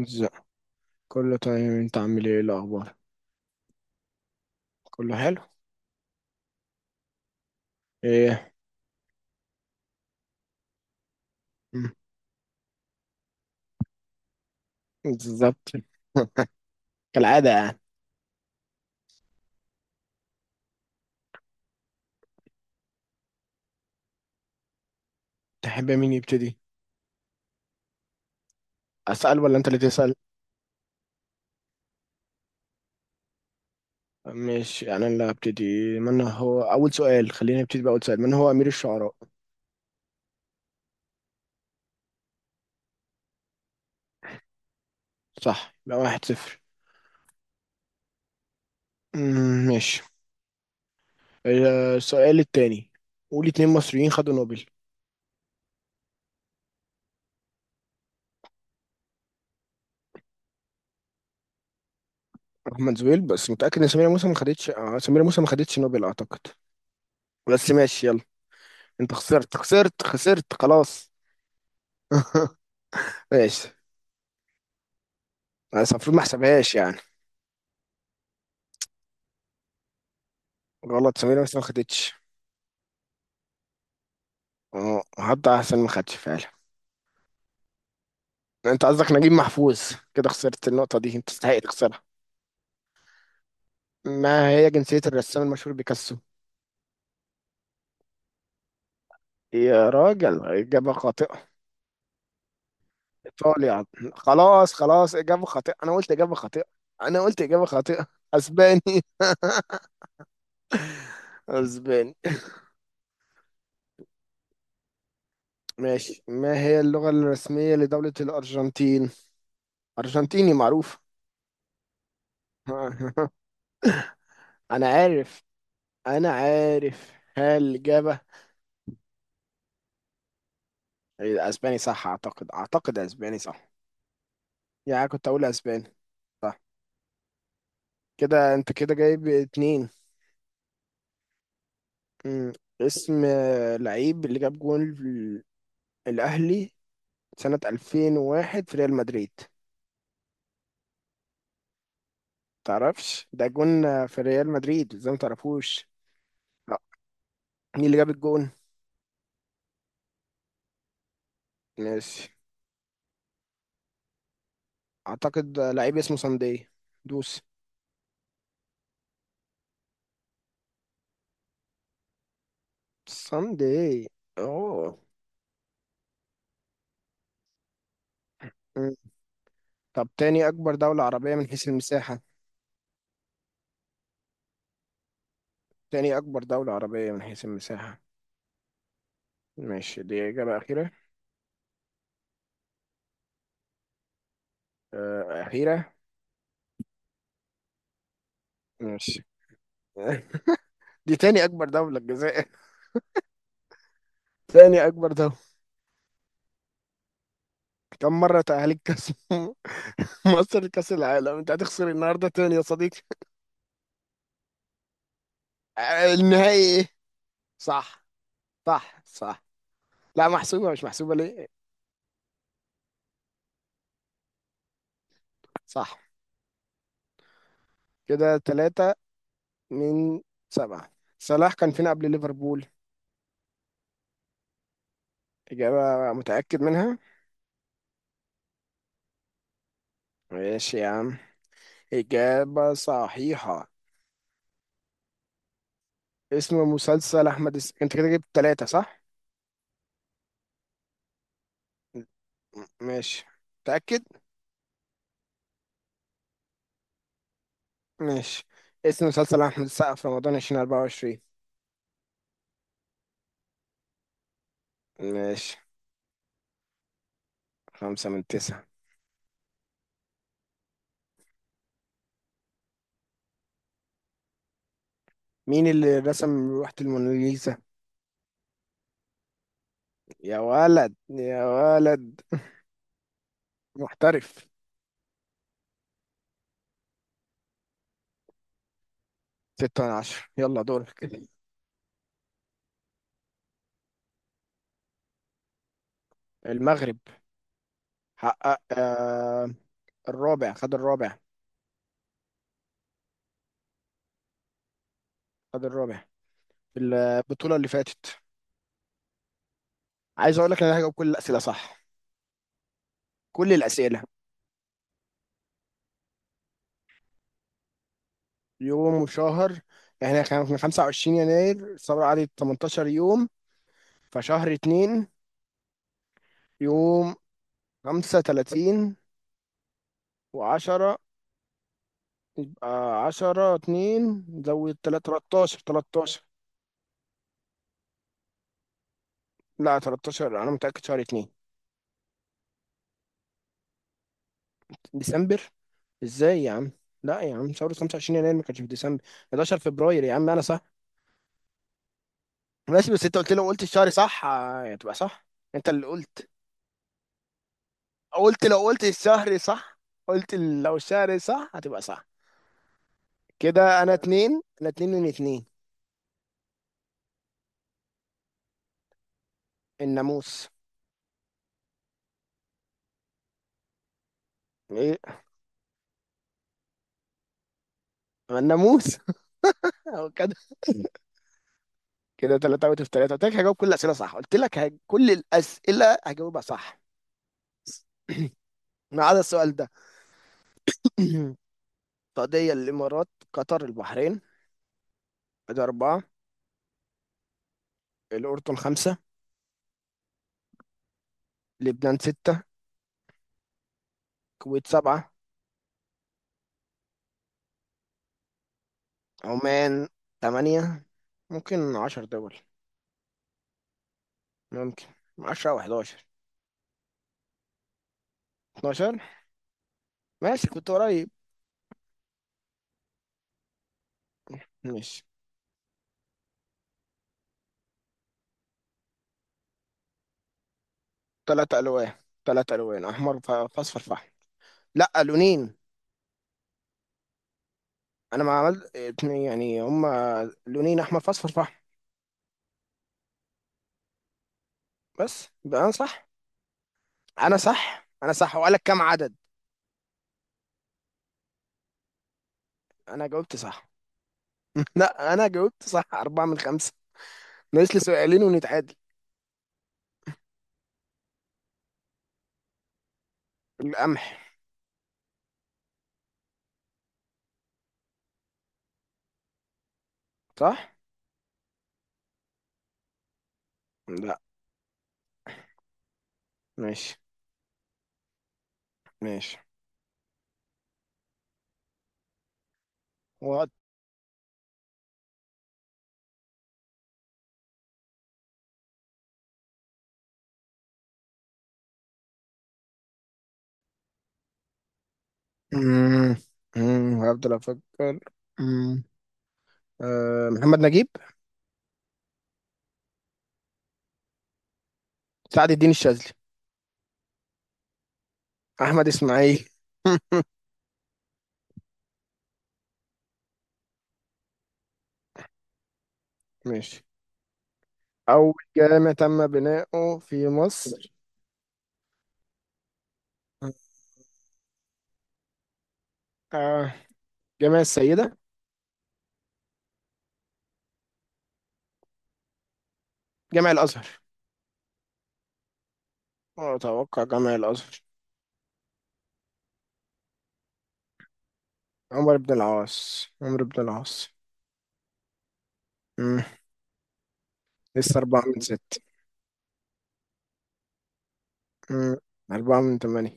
ازاي؟ كله تمام، انت عامل ايه؟ إيه الاخبار؟ كله حلو. ايه؟ مم. بالظبط. كالعاده يعني. تحب مين يبتدي؟ اسال ولا انت اللي تسال؟ مش انا اللي هبتدي. من هو اول سؤال؟ خلينا نبتدي باول سؤال. من هو امير الشعراء؟ صح، يبقى 1-0. مم، ماشي. اه، السؤال التاني. قول اتنين مصريين خدوا نوبل. احمد زويل، بس متاكد ان سمير موسى ما خدتش؟ اه، سمير موسى ما خدتش نوبل اعتقد، بس ماشي يلا. انت خسرت خسرت خسرت خلاص. ماشي، بس المفروض ما احسبهاش يعني، غلط. سمير بس ما خدتش. اه، هبدأ احسن ما خدش فعلا. انت قصدك نجيب محفوظ. كده خسرت النقطة دي، انت تستحق تخسرها. ما هي جنسية الرسام المشهور بيكاسو؟ يا راجل، إجابة خاطئة. إيطاليا؟ خلاص خلاص، إجابة خاطئة. أنا قلت إجابة خاطئة. أنا قلت إجابة خاطئة. أسباني؟ أسباني. ماشي. ما هي اللغة الرسمية لدولة الأرجنتين؟ أرجنتيني معروف. أنا عارف. أنا عارف. هل إجابة اسباني صح؟ اعتقد اعتقد اسباني صح. يعني كنت اقول اسباني. صح. كده انت كده جايب اتنين. مم. اسم لعيب اللي جاب جون الاهلي سنة 2001 في ريال مدريد. تعرفش ده؟ جون في ريال مدريد، ازاي ما تعرفوش؟ لا. مين اللي جاب الجون؟ ماشي. اعتقد لعيب اسمه ساندي دوس ساندي. اوه. مم. طب، تاني اكبر دولة عربية من حيث المساحة؟ تاني اكبر دولة عربية من حيث المساحة؟ ماشي، دي إجابة أخيرة؟ أخيرة. ماشي. دي تاني أكبر دولة الجزائر. تاني أكبر دولة. كم مرة تأهلت كأس مصر لكأس العالم؟ أنت هتخسر النهاردة تاني يا صديقي. النهائي إيه؟ صح صح صح. لا محسوبة، مش محسوبة ليه؟ صح. كده تلاتة من سبعة. صلاح كان فين قبل ليفربول؟ إجابة متأكد منها؟ ماشي يا عم، إجابة صحيحة. اسم مسلسل أحمد أنت كده جبت تلاتة صح؟ ماشي. متأكد؟ ماشي. اسم مسلسل أحمد السقا في رمضان 2024؟ ماشي. خمسة من تسعة. مين اللي رسم لوحة الموناليزا؟ يا ولد يا ولد. محترف. ستة من عشرة، يلا دورك. المغرب. حقق آه الرابع. خد الرابع. خد الرابع في البطولة اللي فاتت. عايز أقول لك إن أنا هجاوب كل الأسئلة صح. كل الأسئلة. يوم وشهر. احنا كان من 25 يناير، صار علي 18 يوم، فشهر اتنين. يوم خمسة تلاتين وعشرة. يبقى عشرة اتنين زود تلاتة، تلاتاشر. تلاتاشر. لا تلاتاشر، أنا متأكد شهر اتنين. ديسمبر؟ ازاي يا عم؟ لا يا عم، شهر خمسة وعشرين يناير ما كانش في ديسمبر. 11 فبراير يا عم، أنا صح. ماشي، بس أنت قلت لو قلت الشهر صح هتبقى صح. أنت اللي قلت. قلت لو قلت الشهر صح. قلت لو الشهر صح هتبقى صح. كده أنا اتنين، أنا اتنين من اتنين. الناموس. ايه الناموس. هو كده. كده تلاتة اوت اوف تلاتة، قلت لك هجاوب كل الأسئلة صح، قلت لك كل الأسئلة هجاوبها صح. ما عدا السؤال ده. السعودية، الإمارات، قطر، البحرين. ده أربعة. الأردن خمسة. لبنان ستة. الكويت سبعة. عمان تمانية. ممكن 10 دول. ممكن عشرة أو 11. 12؟ ماشي، كنت قريب. ماشي. تلات ألوان. تلات ألوان، أحمر فأصفر فحم. لا لونين. أنا ما عملت اتنين يعني، هما لونين، أحمر فأصفر فحم. بس يبقى أنا صح. انا صح انا صح، وقالك كام عدد. انا جاوبت صح. لا انا جاوبت صح. أربعة من خمسة. ناقص لي سؤالين ونتعادل. القمح. صح. لا. ماشي. ماشي. وقت. مم. هفضل افكر. مم. أه، محمد نجيب. سعد الدين الشاذلي. احمد اسماعيل. ماشي. اول جامع تم بناؤه في مصر. أه، جامع السيدة. جامع الازهر. اتوقع جامع الازهر. عمر بن العاص. عمر بن العاص. لسه أربعة من ست. مم. أربعة من تمانية.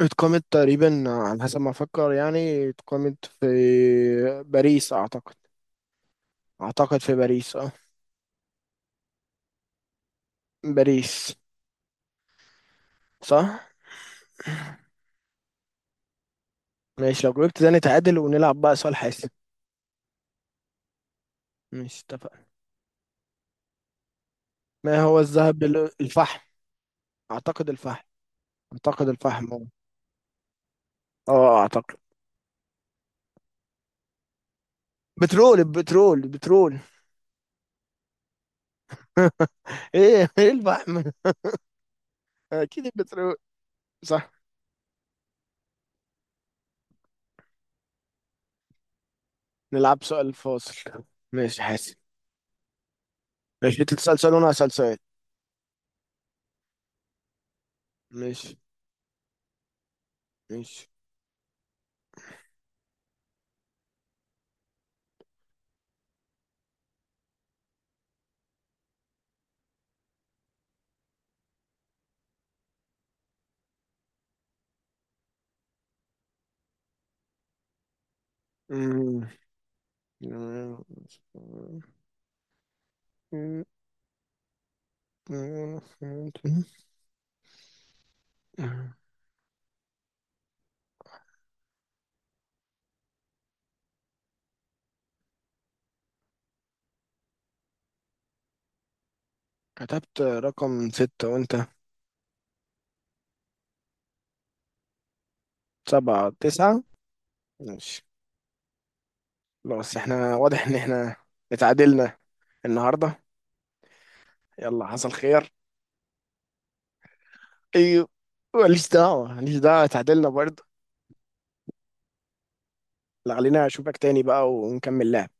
اتقامت تقريبا على حسب ما أفكر يعني، اتقامت في باريس أعتقد. أعتقد في باريس اه. باريس. صح؟ ماشي، لو جاوبت ده نتعادل ونلعب بقى سؤال حاسم. ماشي اتفقنا. ما هو الذهب الفحم. أعتقد الفحم. أعتقد الفحم اه. أعتقد. بترول بترول بترول. ايه ايه الفحم. اكيد البترول. صح. نلعب سؤال فاصل. ماشي حاسم. ماشي، انت تسأل سؤال وانا هسأل سؤال. ماشي. ماشي. أمم. كتبت رقم ستة وانت. سبعة تسعة. ماشي. خلاص، احنا واضح ان احنا اتعادلنا النهاردة. يلا حصل خير. ايوه. ماليش دعوة ماليش دعوة، اتعادلنا برضه. لا، خلينا اشوفك تاني بقى ونكمل لعب.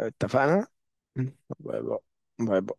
اتفقنا. باي باي. باي باي.